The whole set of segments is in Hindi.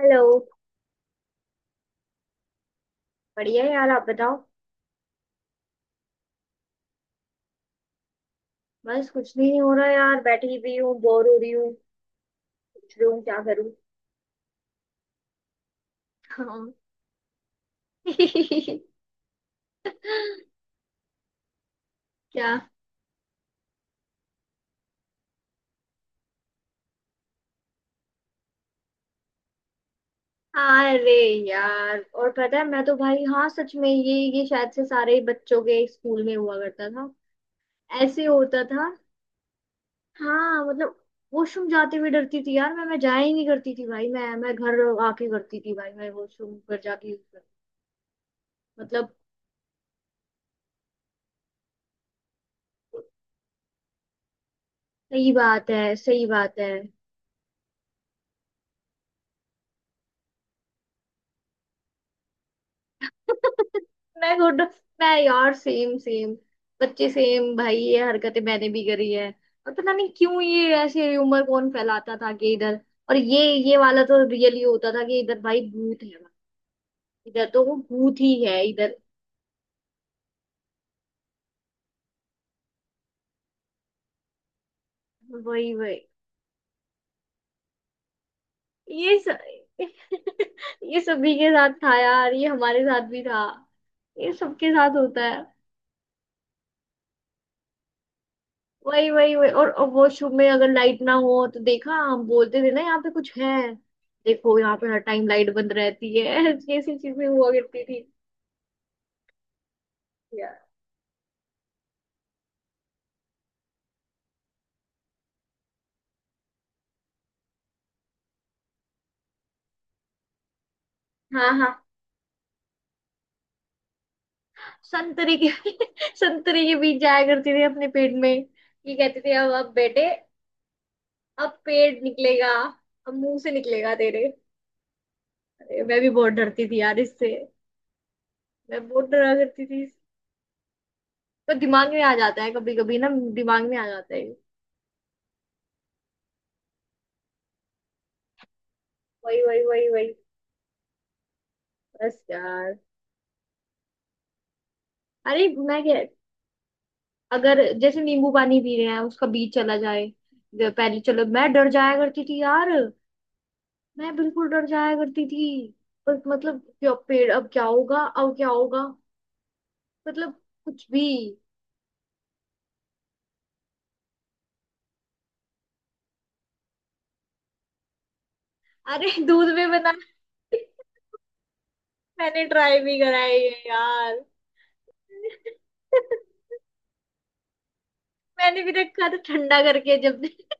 हेलो। बढ़िया है यार, आप बताओ। बस कुछ भी नहीं हो रहा यार, बैठी हुई हूँ, बोर हो रही हूँ। सोच रही हूँ क्या करूँ। हाँ। क्या? अरे। यार, और पता है मैं तो भाई, हाँ सच में ये शायद से सारे ही बच्चों के स्कूल में हुआ करता था। ऐसे होता था। हाँ मतलब। वॉशरूम जाते हुए डरती थी यार, मैं जाया ही नहीं करती थी भाई, मैं घर आके करती थी भाई, मैं वॉशरूम पर जाके use करती-। मतलब। सही बात है, सही बात है। मैं गुड। मैं यार, सेम सेम। बच्चे सेम भाई, ये हरकतें मैंने भी करी है। और पता नहीं क्यों ये ऐसे उम्र कौन फैलाता था कि इधर। और ये। ये वाला तो रियली होता था कि इधर भाई भूत है। इधर तो वो भूत ही है इधर। वही वही। ये स... ये सभी के साथ था यार, ये हमारे साथ भी था। ये सबके साथ होता है। वही वही वही। और वॉशरूम में अगर लाइट ना हो तो देखा, हम बोलते थे ना यहाँ पे कुछ है। देखो, यहाँ पे हर टाइम लाइट बंद रहती है। ऐसी चीजें हुआ करती थी यार। हाँ, हाँ। संतरे के। संतरे के बीज जाया करते थे अपने पेट में, ये कहते थे अब बेटे। अब पेट निकलेगा। अब मुंह से निकलेगा तेरे। अरे, मैं भी बहुत डरती थी यार इससे। मैं बहुत डरा करती थी। पर दिमाग में आ जाता है कभी कभी ना। दिमाग में आ जाता है। वही वही वही वही। बस यार। अरे मैं क्या। अगर जैसे नींबू पानी पी रहे हैं, उसका बीज चला जाए। पहले चलो, मैं डर जाया करती थी यार। मैं बिल्कुल डर जाया करती थी। पर मतलब क्या पेड़, अब क्या होगा, अब क्या होगा। मतलब। कुछ भी। अरे दूध में बना मैंने ट्राई भी करा है ये यार। मैंने भी रखा था ठंडा करके जब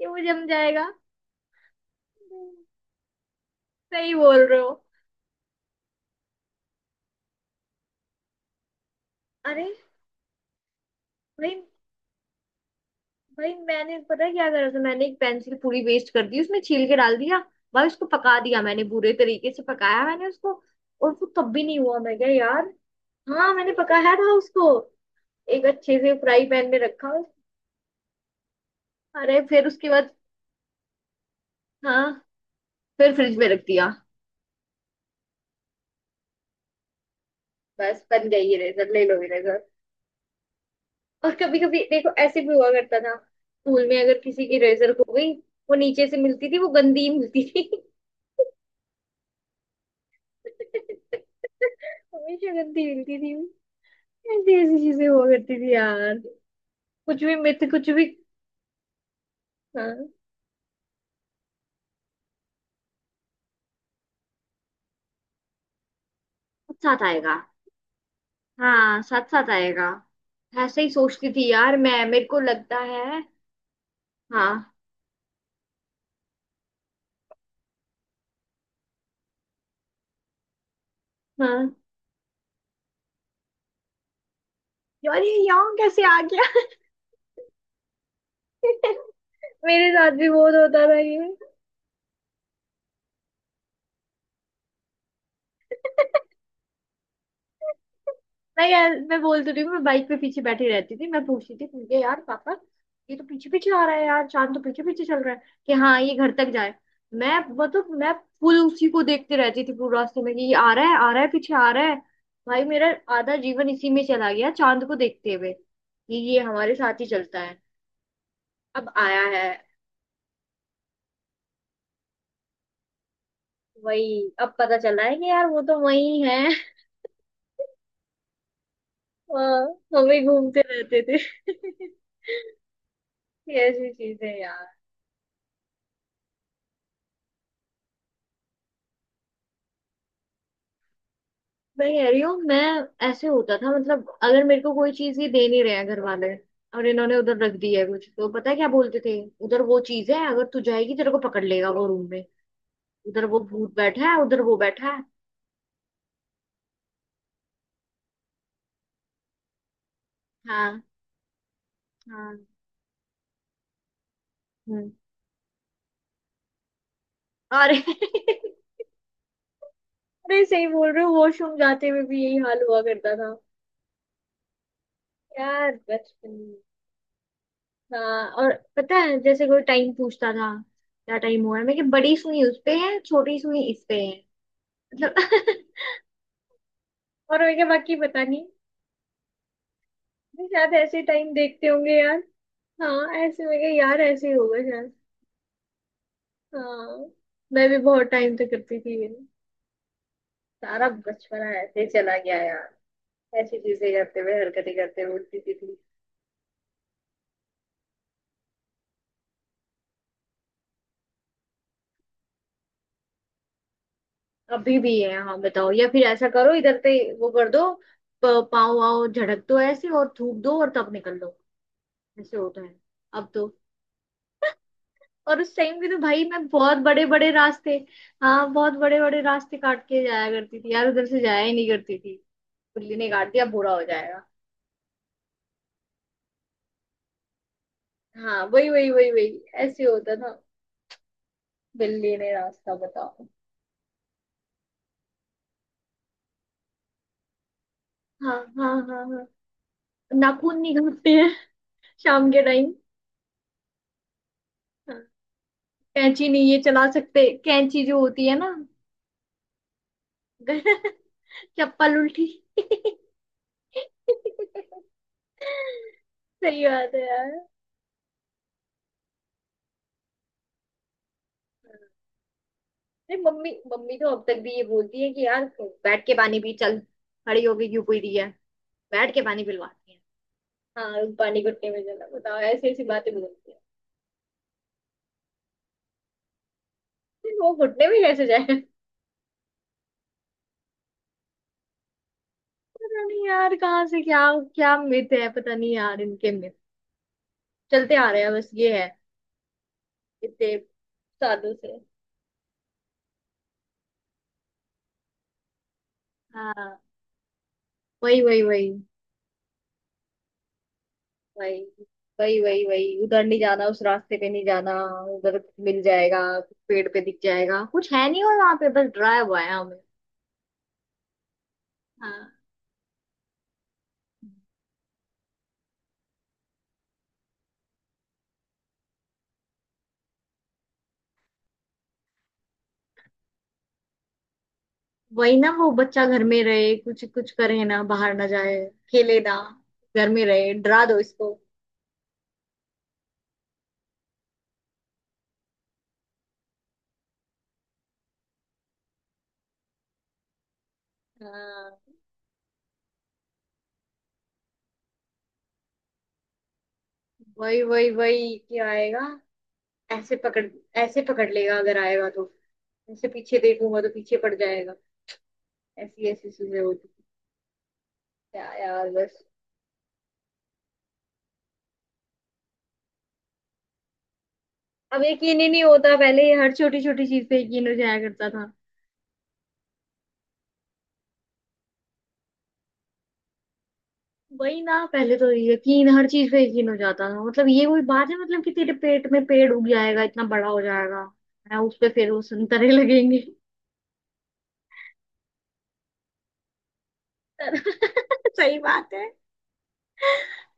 ये मुझे जम जाएगा। सही बोल रहे हो। अरे भाई। भाई मैंने, पता है क्या करा था, मैंने एक पेंसिल पूरी वेस्ट कर दी, उसमें छील के डाल दिया। भाई उसको पका दिया मैंने, बुरे तरीके से पकाया मैंने उसको। और वो तब भी नहीं हुआ, मैं क्या यार। हाँ, मैंने पकाया था उसको। एक अच्छे से फ्राई पैन में रखा। अरे फिर उसके बाद। हाँ। फिर फ्रिज में रख दिया। बस बन गई इरेजर, ले लो इरेजर। और कभी कभी देखो, ऐसे भी हुआ करता था स्कूल में, अगर किसी की इरेजर हो गई। वो नीचे से मिलती थी, वो गंदी मिलती थी। हमेशा गंदी मिलती थी। ऐसी ऐसी चीजें हुआ करती थी यार। कुछ भी मिथ, कुछ भी। हाँ, साथ साथ आएगा। हाँ, साथ साथ आएगा। ऐसे ही सोचती थी यार मैं, मेरे को लगता है। हाँ। हाँ यार, ये यहाँ कैसे आ गया। मेरे साथ भी बहुत होता था ये। मैं यार, मैं बोल तो रही हूँ, मैं बाइक पे पीछे बैठी रहती थी, मैं पूछती थी मुझे, यार पापा। ये तो पीछे पीछे आ रहा है यार, चांद तो पीछे पीछे चल रहा है। कि हाँ ये घर तक जाए। मैं मतलब मैं। फुल उसी को देखते रहती थी पूरे रास्ते में कि ये आ रहा है, आ रहा है, पीछे आ रहा है। भाई मेरा। आधा जीवन इसी में चला गया चांद को देखते हुए कि ये हमारे साथ ही चलता है। अब आया है। वही, अब पता चल रहा है कि यार वो तो वही है अ, हम ही घूमते रहते थे। ये ऐसी चीजें यार। मैं कह रही हूँ मैं। ऐसे होता था मतलब, अगर मेरे को कोई चीज ही दे नहीं रहे हैं घर वाले, और इन्होंने उधर रख दी है कुछ, तो पता है क्या बोलते थे। उधर वो चीज है, अगर तू जाएगी तेरे को पकड़ लेगा वो रूम में। उधर वो भूत बैठा है, उधर वो बैठा है। हाँ, हाँ। हम्म। अरे अरे सही बोल रहे हो, वॉशरूम जाते हुए भी यही हाल हुआ करता था। यार बचपन में। हाँ, और पता है जैसे कोई टाइम पूछता था। क्या टाइम हुआ है, मैं कि बड़ी सुई उस पे है, छोटी सुई इस पे है। मतलब। और मैं क्या, बाकी पता नहीं। नहीं, शायद ऐसे टाइम देखते होंगे यार। हाँ ऐसे में क्या यार, ऐसे ही होगा शायद। हाँ। मैं भी बहुत टाइम तक करती थी ये। सारा बचपना ऐसे ही चला गया यार। ऐसी चीजें करते हुए, हरकतें करते हुए उठती थी। अभी भी है हाँ, बताओ। या फिर ऐसा करो इधर से। वो कर दो। पाँव वाव झड़क दो ऐसे, और थूक दो और तब निकल दो। ऐसे होता है। अब तो। और उस टाइम भी तो भाई, मैं बहुत बड़े बड़े रास्ते। हाँ, बहुत बड़े बड़े रास्ते काट के जाया करती थी यार, उधर से जाया ही नहीं करती थी। बिल्ली ने काट दिया, बुरा हो जाएगा। हाँ वही वही वही वही। ऐसे होता था। बिल्ली ने रास्ता, बताओ। हाँ, हाँ, हाँ, हाँ। नाखून नहीं काटते हैं। शाम के टाइम। हाँ, कैंची नहीं ये चला सकते, कैंची जो होती है ना। चप्पल उल्टी सही बात है यार। अरे मम्मी, मम्मी तो अब तक भी ये बोलती है कि यार। बैठ के पानी पी चल। खड़ी होगी क्यों पी रही है? बैठ के पानी पिलवाती है। हाँ पानी घुटने में चला, बताओ, ऐसी ऐसी बातें बोलती है। वो घुटने भी कैसे जाए। पता नहीं यार कहाँ से क्या। क्या मिथ है पता नहीं यार, इनके मिथ। चलते आ रहे हैं, बस ये है। इतने। सालों से। हाँ वही वही वही वही वही वही वही, उधर नहीं जाना, उस रास्ते पे नहीं जाना। उधर। मिल जाएगा कुछ पेड़ पे, दिख जाएगा कुछ, है नहीं, और वहां पे बस डराया हुआ है हमें। हाँ वही ना, वो बच्चा घर में रहे, कुछ कुछ करे ना, बाहर ना जाए। खेले ना। घर में रहे, डरा दो इसको। हाँ वही वही वही, क्या आएगा। ऐसे पकड़। ऐसे पकड़ लेगा अगर आएगा तो। ऐसे पीछे देखूंगा तो पीछे पड़ जाएगा। ऐसी ऐसी चीजें होती थी। क्या यार बस। अब यकीन ही नहीं होता, पहले ये हर छोटी छोटी चीज पे यकीन हो जाया करता था। वही ना, पहले तो यकीन, हर चीज पे यकीन हो जाता था मतलब, ये कोई बात है मतलब कि तेरे पेट में पेड़ उग जाएगा, इतना बड़ा हो जाएगा। है उस पे, फिर वो संतरे लगेंगे। सही बात है,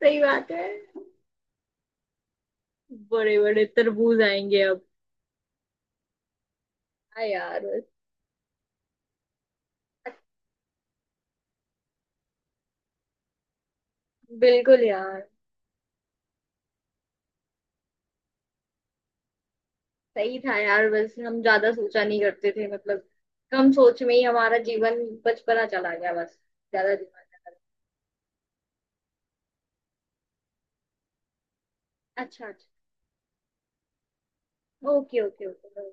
सही बात है। बड़े बड़े तरबूज आएंगे अब। हाँ यार बस। बिल्कुल यार। सही था यार बस, हम ज्यादा सोचा नहीं करते थे मतलब। कम सोच में ही हमारा जीवन बचपना चला गया बस। ज्यादा दिमाग। अच्छा, अच्छा। Okay, okay, okay.